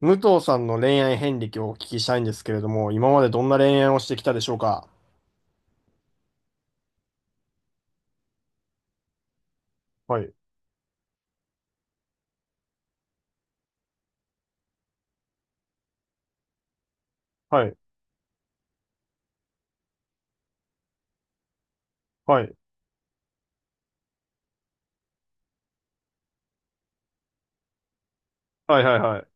武藤さんの恋愛遍歴をお聞きしたいんですけれども、今までどんな恋愛をしてきたでしょうか？はい、はい、はい、はい、はい、はい。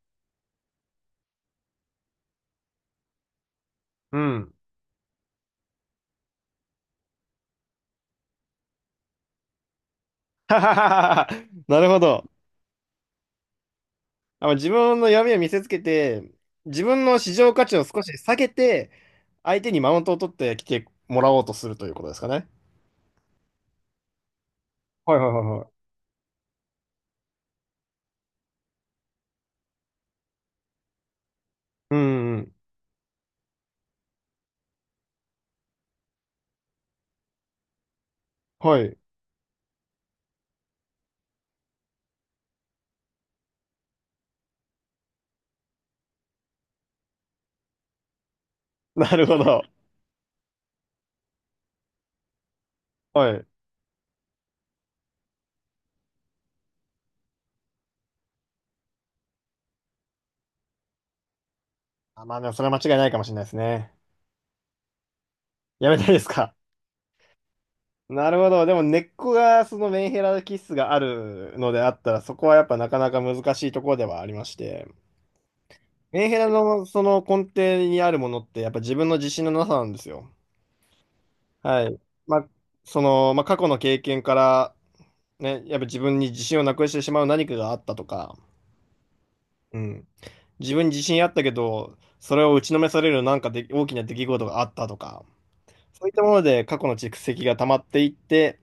うん。はははは。なるほど。あ、自分の闇を見せつけて、自分の市場価値を少し下げて、相手にマウントを取ってきてもらおうとするということですかね？はい、はい、はい、はい。うん、うん。はい。なるほど。はい。あ、まあ、でもそれは間違いないかもしれないですね。やめたいですか？なるほど。でも根っこがそのメンヘラ気質があるのであったら、そこはやっぱなかなか難しいところではありまして、メンヘラのその根底にあるものってやっぱ自分の自信のなさなんですよ。はい。まあ、その、まあ、過去の経験から、ね、やっぱ自分に自信をなくしてしまう何かがあったとか、うん。自分に自信あったけど、それを打ちのめされるなんかで大きな出来事があったとか、そういったもので過去の蓄積が溜まっていって、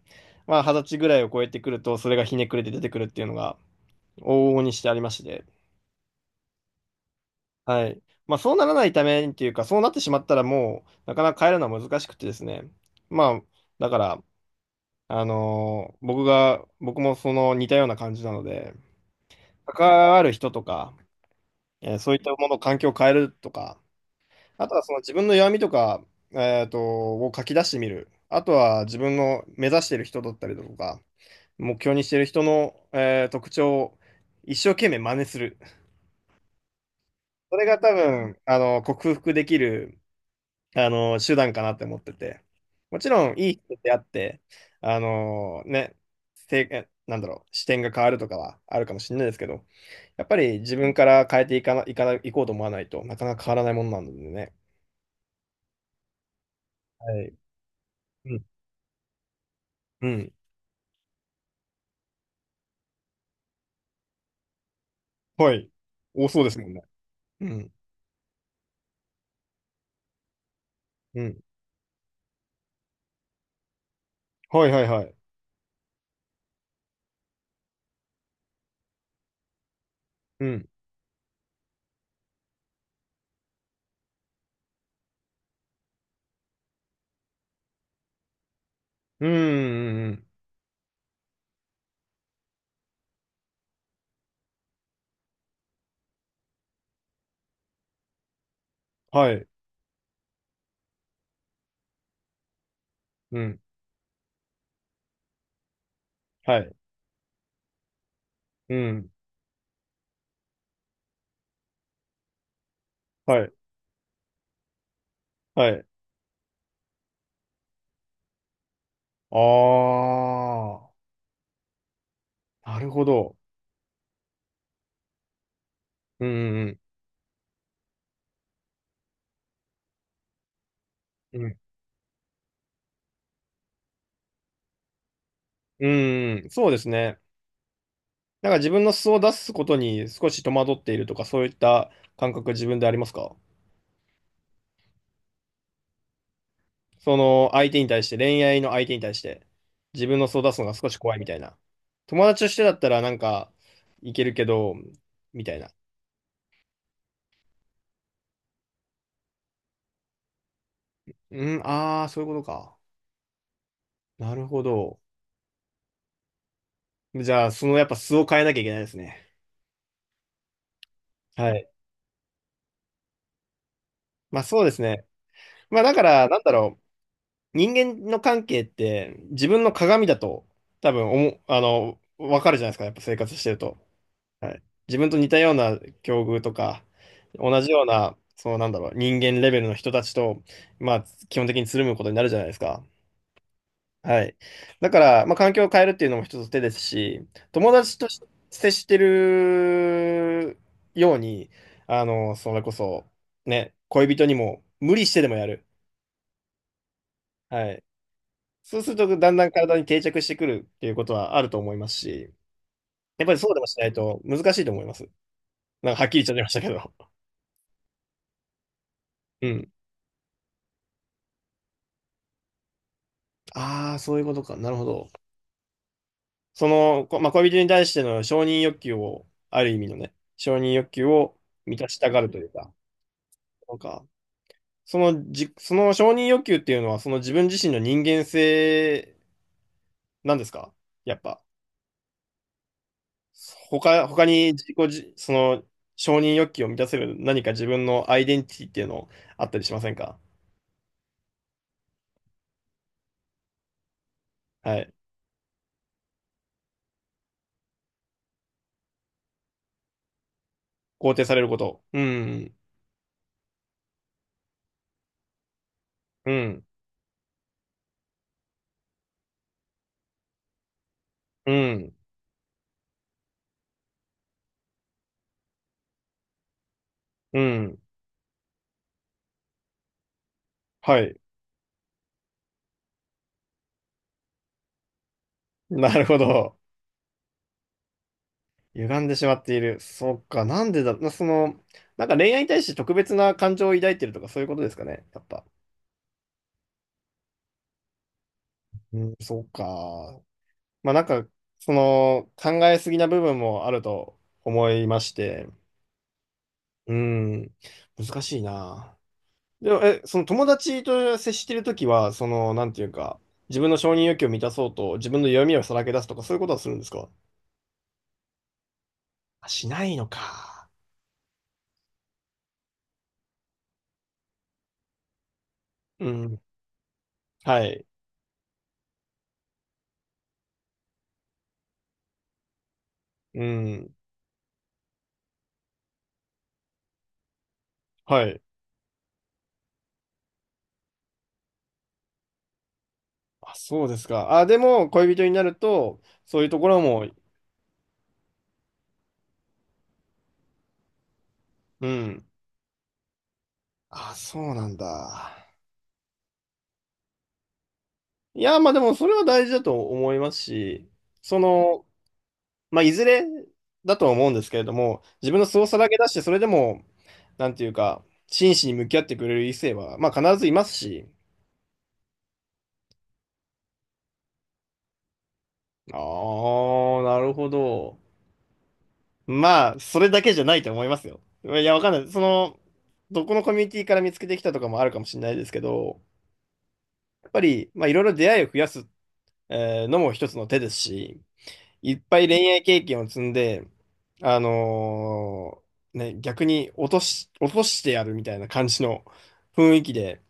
まあ、二十歳ぐらいを超えてくると、それがひねくれて出てくるっていうのが、往々にしてありまして、はい。まあ、そうならないためにっていうか、そうなってしまったらもう、なかなか変えるのは難しくてですね。まあ、だから、僕が、僕もその似たような感じなので、関わる人とか、そういったもの、環境を変えるとか、あとはその自分の弱みとか、を書き出してみる。あとは自分の目指している人だったりだとか、目標にしてる人の、特徴を一生懸命真似する。それが多分、克服できる、手段かなって思ってて。もちろん、いい人ってあって、ね、せい、えなんだろう、視点が変わるとかはあるかもしれないですけど、やっぱり自分から変えていかな、いかな、いこうと思わないとなかなか変わらないものなのでね。はい。うん。うん。はい。多そうですもんね。うん。うん。はいはいはい。うん。うん。うんうんはい。うん。はい。うん。はい。はい。ああ、なるほど。うんうんうん。うん。うん、そうですね。なんか自分の素を出すことに少し戸惑っているとか、そういった感覚自分でありますか？その相手に対して、恋愛の相手に対して、自分の素を出すのが少し怖いみたいな。友達としてだったらなんか、いけるけど、みたいな。うん、ああ、そういうことか。なるほど。じゃあ、そのやっぱ素を変えなきゃいけないですね。はい。まあそうですね。まあだから、なんだろう。人間の関係って自分の鏡だと多分おも、あの、わかるじゃないですか、やっぱ生活してると。はい。自分と似たような境遇とか、同じような、そのなんだろう、人間レベルの人たちと、まあ、基本的につるむことになるじゃないですか。はい。だから、まあ、環境を変えるっていうのも一つ手ですし、友達とし接してるように、それこそ、ね、恋人にも無理してでもやる。はい。そうすると、だんだん体に定着してくるっていうことはあると思いますし、やっぱりそうでもしないと難しいと思います。なんかはっきり言っちゃいましたけど。うん。ああ、そういうことか。なるほど。その、まあ、恋人に対しての承認欲求を、ある意味のね、承認欲求を満たしたがるというか、なんか、そのじ、その承認欲求っていうのは、その自分自身の人間性なんですか？やっぱ。他に自己じ、その承認欲求を満たせる何か自分のアイデンティティっていうのあったりしませんか？はい。肯定されること。うん、うん、うん、うん。はい。なるほど。歪んでしまっている。そっか、なんでだ、その、なんか恋愛に対して特別な感情を抱いてるとかそういうことですかね、やっぱ。うん、そうか。まあなんか、その、考えすぎな部分もあると思いまして、うん、難しいな。でも、その友達と接してるときは、その、なんていうか、自分の承認欲求を満たそうと、自分の弱みをさらけ出すとか、そういうことはするんですか？あ、しないのか。うん。はい。うん。はい。あ、そうですか。あ、でも、恋人になると、そういうところも、うん。あ、そうなんだ。いや、まあでも、それは大事だと思いますし、その、まあ、いずれだとは思うんですけれども、自分の素をさらけ出して、それでも、なんていうか、真摯に向き合ってくれる異性は、まあ、必ずいますし。ああ、なるほど。まあ、それだけじゃないと思いますよ。いや、わかんない。その、どこのコミュニティから見つけてきたとかもあるかもしれないですけど、やっぱり、まあ、いろいろ出会いを増やす、のも一つの手ですし、いっぱい恋愛経験を積んで、あのね、逆に落としてやるみたいな感じの雰囲気で、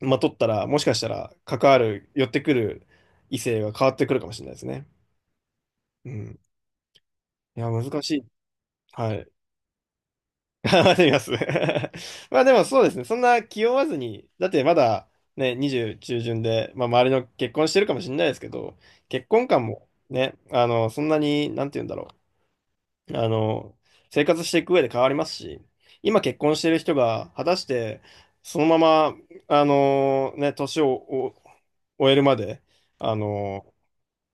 まとったら、もしかしたら、関わる、寄ってくる異性が変わってくるかもしれないですね。うん。いや、難しい。はい。頑張ってみます。まあでもそうですね。そんな気負わずに、だってまだね、20中旬で、まあ周りの結婚してるかもしれないですけど、結婚観もね、そんなに、なんて言うんだろう。生活していく上で変わりますし、今結婚してる人が果たしてそのまま、ね、年をお終えるまで、あの、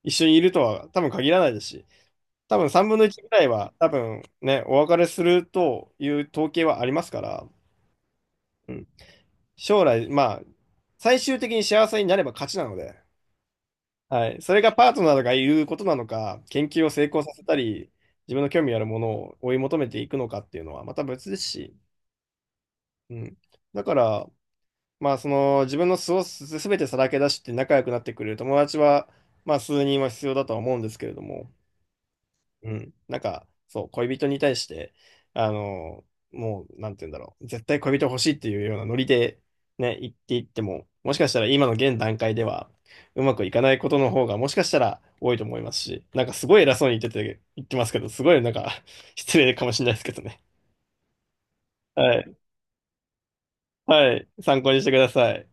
一緒にいるとは多分限らないですし、多分3分の1ぐらいは多分ね、お別れするという統計はありますから、うん、将来、まあ、最終的に幸せになれば勝ちなので、はい。それがパートナーが言うことなのか、研究を成功させたり、自分の興味あるものを追い求めていくのかっていうのはまた別ですし、うん。だから、まあ、その、自分の素をすべてさらけ出して仲良くなってくれる友達は、まあ、数人は必要だとは思うんですけれども、うん。なんか、そう、恋人に対して、あの、もう、なんて言うんだろう。絶対恋人欲しいっていうようなノリで、ね、言っていっても、もしかしたら今の現段階では、うまくいかないことの方が、もしかしたら多いと思いますし、なんかすごい偉そうに言ってて、言ってますけど、すごいなんか、失礼かもしれないですけどね。はい。はい。参考にしてください。